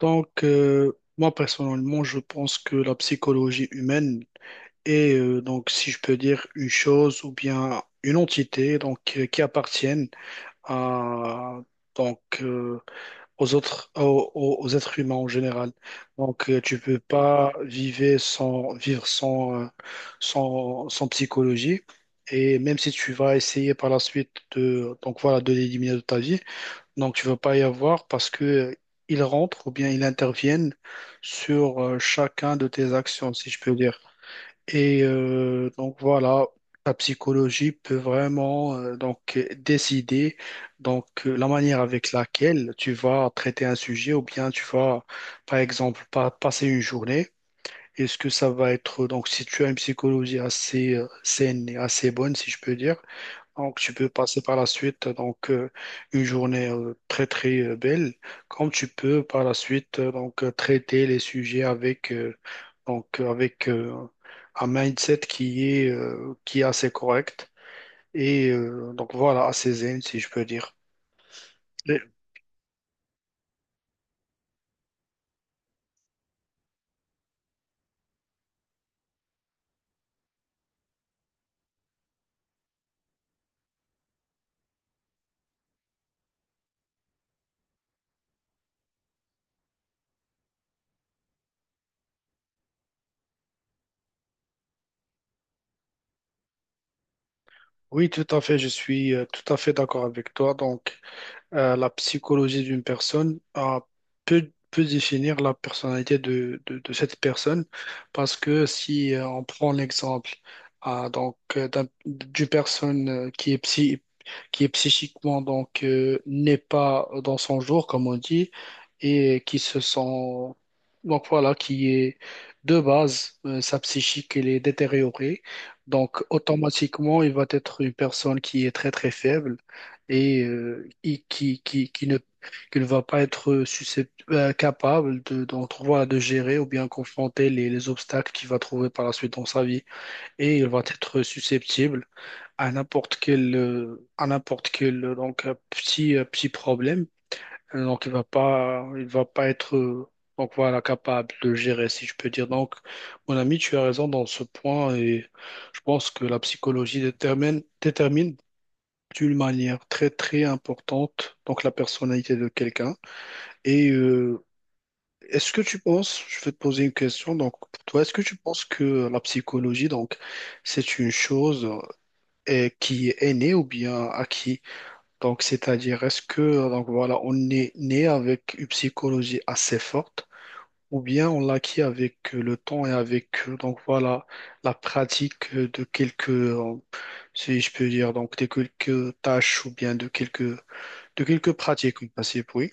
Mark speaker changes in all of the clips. Speaker 1: Moi personnellement, je pense que la psychologie humaine est, donc, si je peux dire, une chose ou bien une entité donc, qui appartiennent à, donc, aux autres, aux êtres humains en général. Donc, tu peux pas vivre sans, sans psychologie. Et même si tu vas essayer par la suite de, donc voilà, de l'éliminer de ta vie, donc, tu ne veux pas y avoir parce que ils rentrent ou bien ils interviennent sur chacun de tes actions, si je peux dire. Et donc voilà, la psychologie peut vraiment décider la manière avec laquelle tu vas traiter un sujet ou bien tu vas par exemple passer une journée. Est-ce que ça va être donc si tu as une psychologie assez saine et assez bonne, si je peux dire, donc, tu peux passer par la suite une journée très très belle, comme tu peux par la suite traiter les sujets avec un mindset qui est assez correct et donc voilà assez zen si je peux dire. Et oui, tout à fait, je suis tout à fait d'accord avec toi. La psychologie d'une personne peut, peut définir la personnalité de, de cette personne parce que si on prend l'exemple ah, donc d'une personne qui est psy, qui est psychiquement donc n'est pas dans son jour comme on dit et qui se sent donc voilà qui est de base sa psychique elle est détériorée, donc automatiquement il va être une personne qui est très très faible et qui ne va pas être capable de, d'entrevoir, de gérer ou bien confronter les obstacles qu'il va trouver par la suite dans sa vie. Et il va être susceptible à n'importe quel donc, petit, petit problème. Donc, il va pas être donc, voilà, capable de gérer, si je peux dire. Donc, mon ami, tu as raison dans ce point et je pense que la psychologie détermine, détermine d'une manière très très importante, donc la personnalité de quelqu'un. Et est-ce que tu penses, je vais te poser une question, donc pour toi, est-ce que tu penses que la psychologie, donc, c'est une chose qui est née ou bien acquis? Donc, c'est-à-dire, est-ce que, donc voilà, on est né avec une psychologie assez forte? Ou bien on l'acquis avec le temps et avec donc voilà la pratique de quelques si je peux dire donc de quelques tâches ou bien de quelques pratiques, on passait, oui.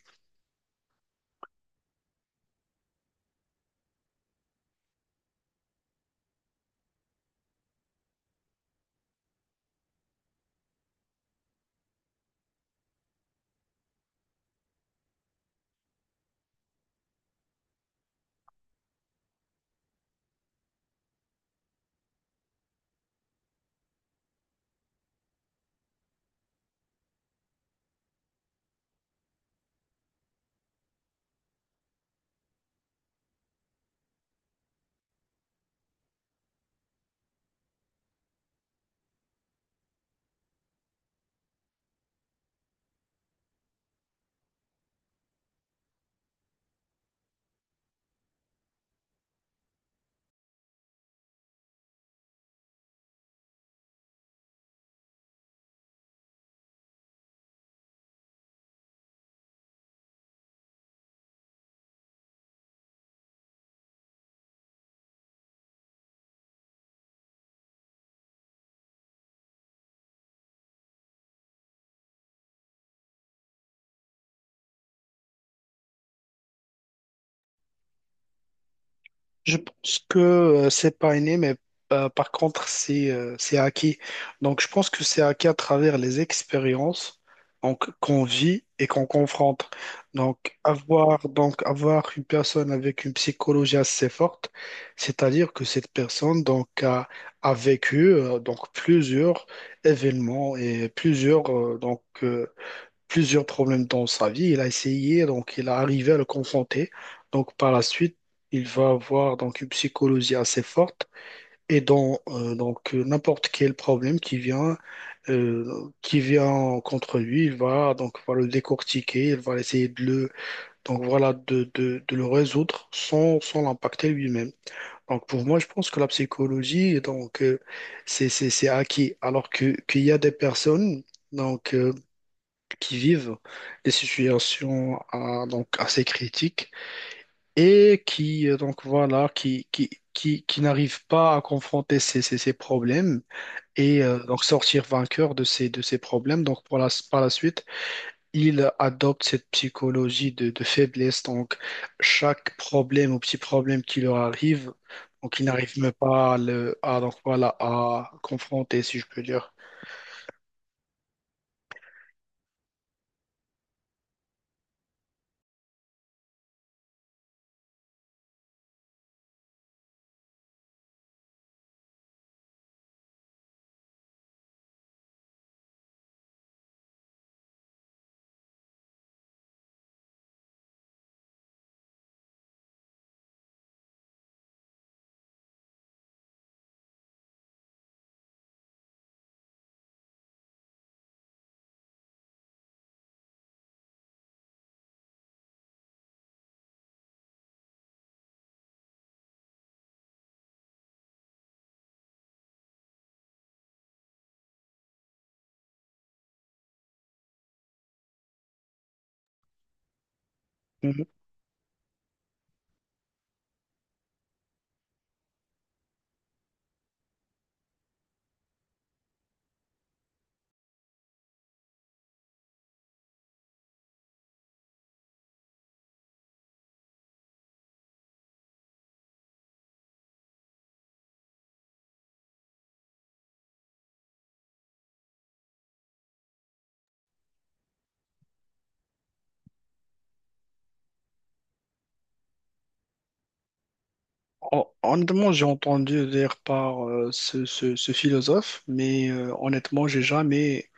Speaker 1: Je pense que c'est pas inné, mais par contre, c'est acquis. Donc, je pense que c'est acquis à travers les expériences donc, qu'on vit et qu'on confronte. Donc, avoir une personne avec une psychologie assez forte, c'est-à-dire que cette personne donc, a, a vécu donc, plusieurs événements et plusieurs plusieurs problèmes dans sa vie. Il a essayé, donc il a arrivé à le confronter. Donc par la suite, il va avoir donc une psychologie assez forte et dans n'importe quel problème qui vient contre lui, il va le décortiquer, il va essayer de le donc voilà de, de le résoudre sans l'impacter lui-même. Donc pour moi, je pense que la psychologie c'est acquis alors que qu'il y a des personnes donc euh, qui vivent des situations donc assez critiques et qui donc voilà qui n'arrivent pas à confronter ces problèmes et donc sortir vainqueur de ces problèmes donc par la suite ils adoptent cette psychologie de faiblesse. Donc chaque problème ou petit problème qui leur arrive, donc ils n'arrivent même pas à le à donc voilà à confronter, si je peux dire. Honnêtement, j'ai entendu dire par ce philosophe, mais honnêtement,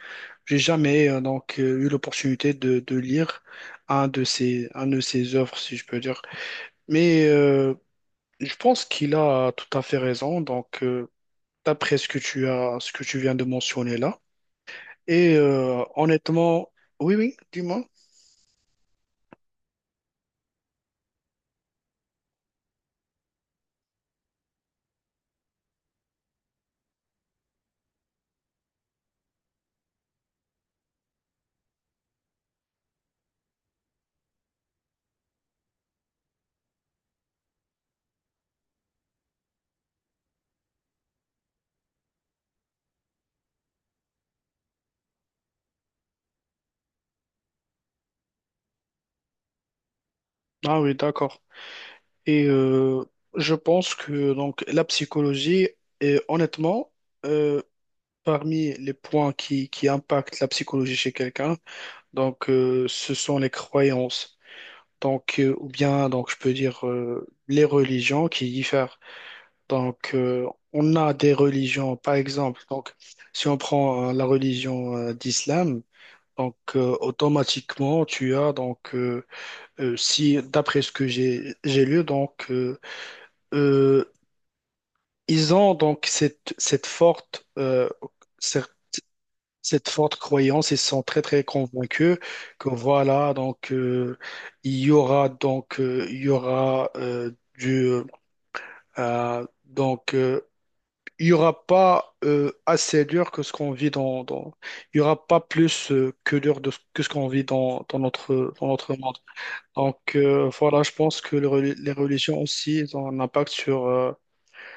Speaker 1: j'ai jamais eu l'opportunité de lire un de ses œuvres, si je peux dire. Mais je pense qu'il a tout à fait raison. Donc, d'après ce que tu as, ce que tu viens de mentionner là, et honnêtement, oui, oui, dis-moi. Ah oui, d'accord. Et je pense que donc la psychologie, est, honnêtement. euh, Parmi les points qui impactent la psychologie chez quelqu'un, ce sont les croyances. Donc, ou bien donc je peux dire les religions qui diffèrent. Donc, on a des religions, par exemple, donc si on prend la religion d'islam, donc automatiquement tu as si d'après ce que j'ai lu euh, ils ont donc cette forte croyance, ils sont très très convaincus que voilà, il y aura il y aura du donc il y aura pas assez dur que ce qu'on vit dans, dans il y aura pas plus que dur de, que ce qu'on vit dans notre monde. Donc voilà, je pense que les religions aussi elles ont un impact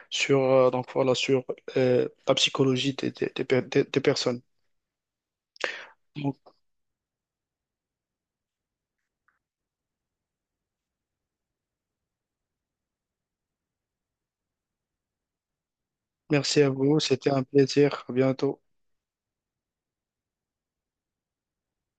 Speaker 1: sur donc voilà sur la psychologie des des personnes. Merci à vous, c'était un plaisir. À bientôt.